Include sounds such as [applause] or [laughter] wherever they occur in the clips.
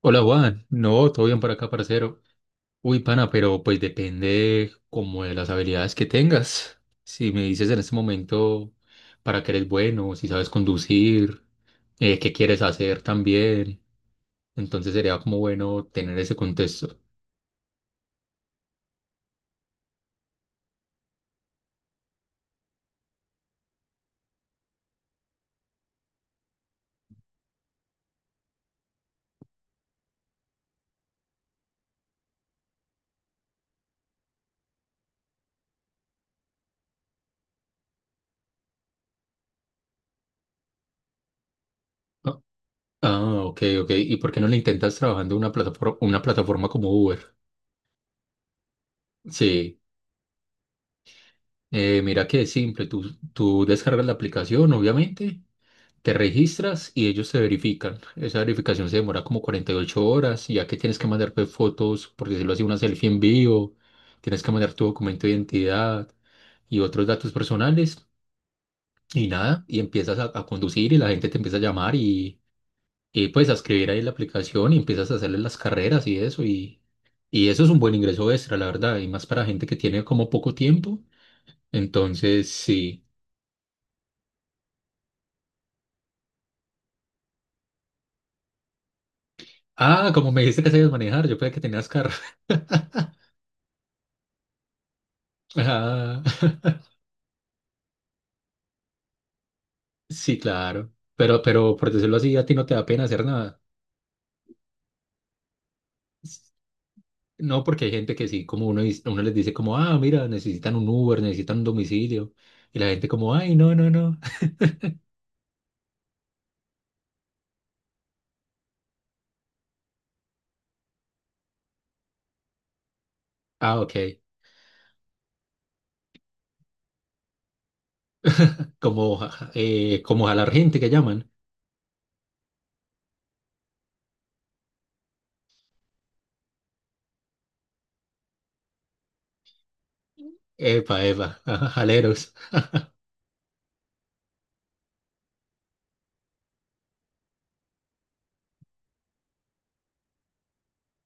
Hola Juan, no, todo bien por acá, parcero. Uy, pana, pero pues depende como de las habilidades que tengas. Si me dices en este momento para qué eres bueno, si sabes conducir, qué quieres hacer también, entonces sería como bueno tener ese contexto. Ah, ok, ok. ¿Y por qué no le intentas trabajando una plataforma como Uber? Sí, mira que es simple, tú descargas la aplicación, obviamente. Te registras y ellos te verifican. Esa verificación se demora como 48 horas, y ya que tienes que mandar pues, fotos, por decirlo así, una selfie en vivo, tienes que mandar tu documento de identidad y otros datos personales y nada, y empiezas a conducir y la gente te empieza a llamar y pues a escribir ahí en la aplicación y empiezas a hacerle las carreras y eso es un buen ingreso extra, la verdad, y más para gente que tiene como poco tiempo. Entonces, sí. Ah, como me dijiste que sabías manejar, yo pensé que tenías carro. [laughs] Ah, sí, claro. Pero por decirlo así, a ti no te da pena hacer nada. S- No, porque hay gente que sí, como uno, dice- uno les dice como, ah, mira, necesitan un Uber, necesitan un domicilio. Y la gente como, ay, no, no, no. [laughs] Ah, ok. Como, como jalar gente que llaman. Epa, epa, [laughs] ajá, jaleros.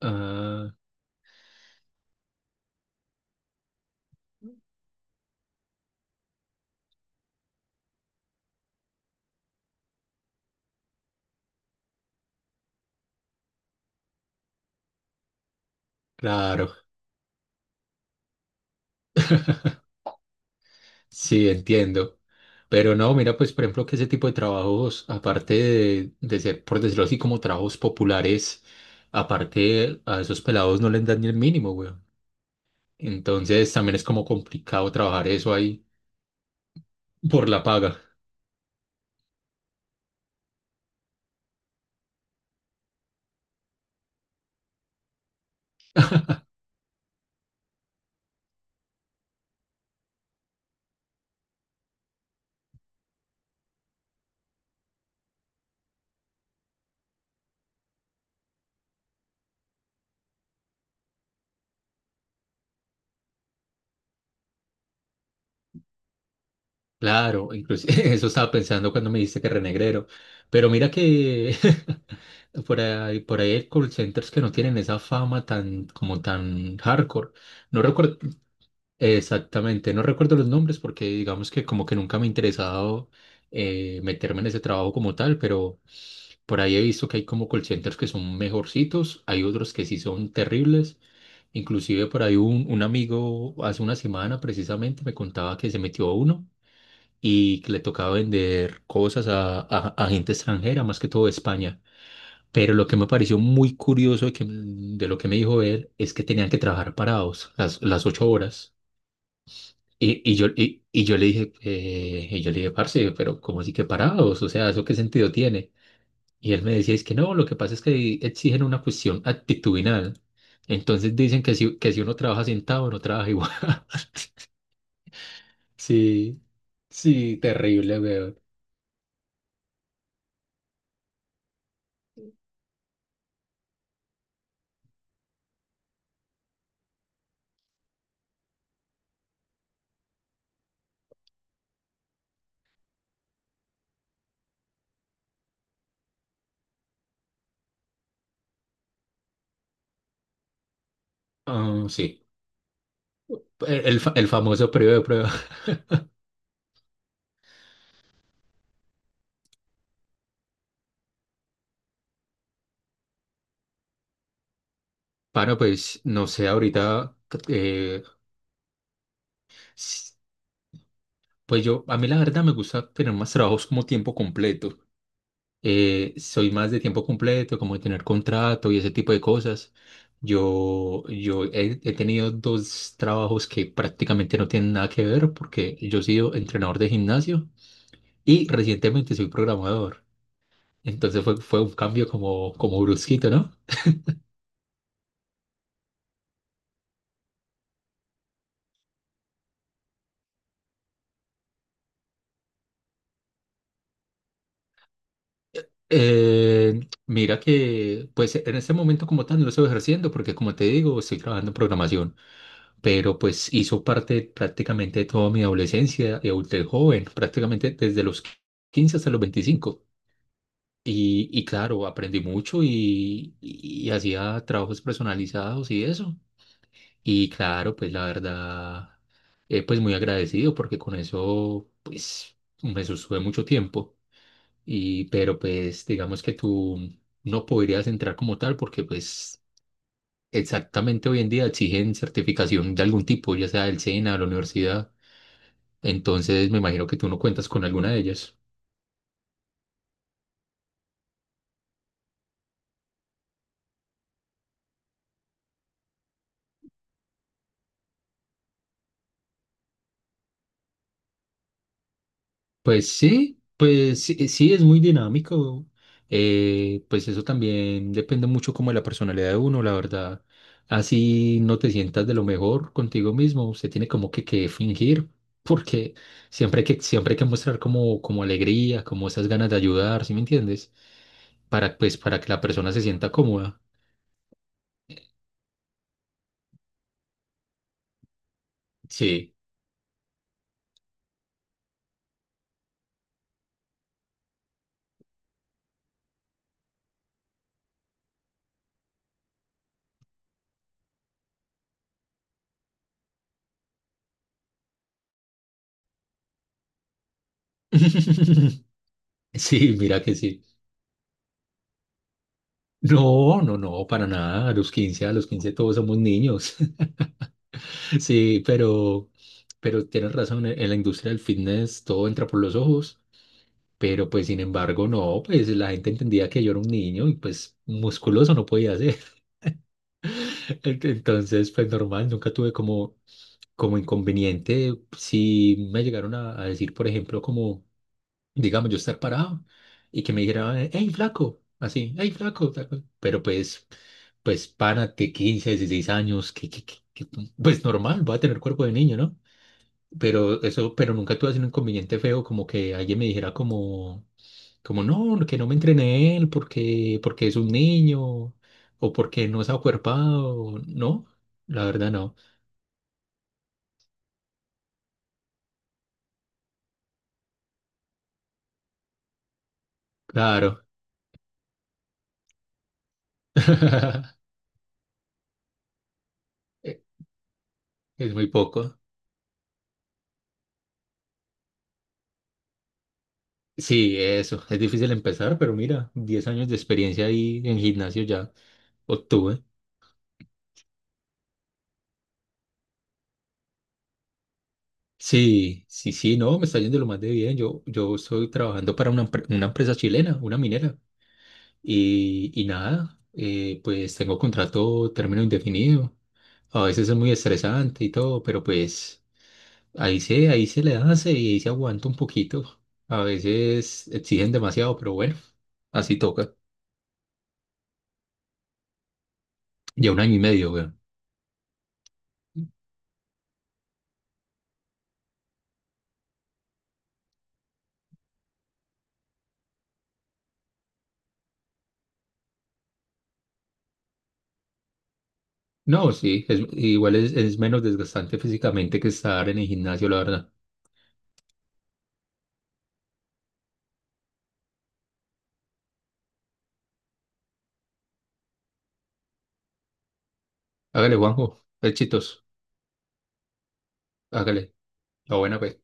Ah, claro. Sí, entiendo. Pero no, mira, pues por ejemplo que ese tipo de trabajos, aparte de ser, por decirlo así, como trabajos populares, aparte a esos pelados no les dan ni el mínimo, güey. Entonces también es como complicado trabajar eso ahí por la paga. Claro, incluso [laughs] eso estaba pensando cuando me dijiste que renegrero. Pero mira que [laughs] por ahí hay call centers que no tienen esa fama tan como tan hardcore. No recuerdo exactamente, no recuerdo los nombres porque digamos que como que nunca me ha interesado meterme en ese trabajo como tal, pero por ahí he visto que hay como call centers que son mejorcitos, hay otros que sí son terribles. Inclusive por ahí un amigo hace una semana precisamente me contaba que se metió a uno y que le tocaba vender cosas a, a gente extranjera, más que todo de España. Pero lo que me pareció muy curioso de, de lo que me dijo él es que tenían que trabajar parados las 8 horas. Y yo le dije, y yo le dije, parce, pero ¿cómo así que parados? O sea, ¿eso qué sentido tiene? Y él me decía, es que no, lo que pasa es que ahí exigen una cuestión actitudinal. Entonces dicen que si uno trabaja sentado, no trabaja igual. [laughs] Sí, sí, terrible, weón. Ah, sí, el famoso periodo de prueba. [laughs] Bueno, pues no sé, ahorita, eh, s- pues yo, a mí la verdad me gusta tener más trabajos como tiempo completo. Eh, soy más de tiempo completo, como de tener contrato y ese tipo de cosas. Yo he tenido dos trabajos que prácticamente no tienen nada que ver porque yo he sido entrenador de gimnasio y recientemente soy programador. Entonces fue, fue un cambio como, como brusquito, ¿no? Eh, mira que, pues en este momento como tal no lo estoy ejerciendo porque como te digo, estoy trabajando en programación. Pero pues hizo parte prácticamente de toda mi adolescencia y adultez joven, prácticamente desde los 15 hasta los 25. Y claro, aprendí mucho y hacía trabajos personalizados y eso. Y claro, pues la verdad, pues muy agradecido porque con eso, pues me sostuve mucho tiempo. Y, pero pues digamos que tú no podrías entrar como tal porque pues exactamente hoy en día exigen certificación de algún tipo, ya sea del SENA, de la universidad. Entonces, me imagino que tú no cuentas con alguna de ellas. Pues sí, sí, es muy dinámico. Pues eso también depende mucho como de la personalidad de uno, la verdad. Así no te sientas de lo mejor contigo mismo, usted tiene como que fingir, [laughs] porque siempre hay que mostrar como, como alegría, como esas ganas de ayudar, ¿sí me entiendes? Para, pues, para que la persona se sienta cómoda. Sí. [laughs] Sí, mira que sí. No, no, no, para nada. A los 15 todos somos niños. [laughs] Sí, pero tienes razón, en la industria del fitness todo entra por los ojos, pero pues sin embargo no, pues la gente entendía que yo era un niño y pues musculoso no podía ser. [laughs] Entonces, pues normal, nunca tuve como, como inconveniente. Si me llegaron a decir, por ejemplo, como... digamos, yo estar parado y que me dijera, hey, flaco, así, hey, flaco, tal cual. Pero pues, pues, párate, 15 16 años, pues normal, va a tener cuerpo de niño, ¿no? Pero eso, pero nunca tuve así un inconveniente feo, como que alguien me dijera como, como, no, que no me entrené él porque, porque es un niño, o porque no se ha acuerpado, no, la verdad no, claro, [laughs] es muy poco. Sí, eso. Es difícil empezar, pero mira, 10 años de experiencia ahí en gimnasio ya obtuve. Sí, sí, sí, no, me está yendo lo más de bien. Yo estoy trabajando para una, una empresa chilena, una minera. Y nada, pues tengo contrato término indefinido. A veces es muy estresante y todo, pero pues ahí se le hace y ahí se aguanta un poquito. A veces exigen demasiado, pero bueno, así toca. Ya 1 año y medio, weón. No, sí, es, igual es menos desgastante físicamente que estar en el gimnasio, la verdad. Hágale, Juanjo, éxitos, hágale, la buena, pues.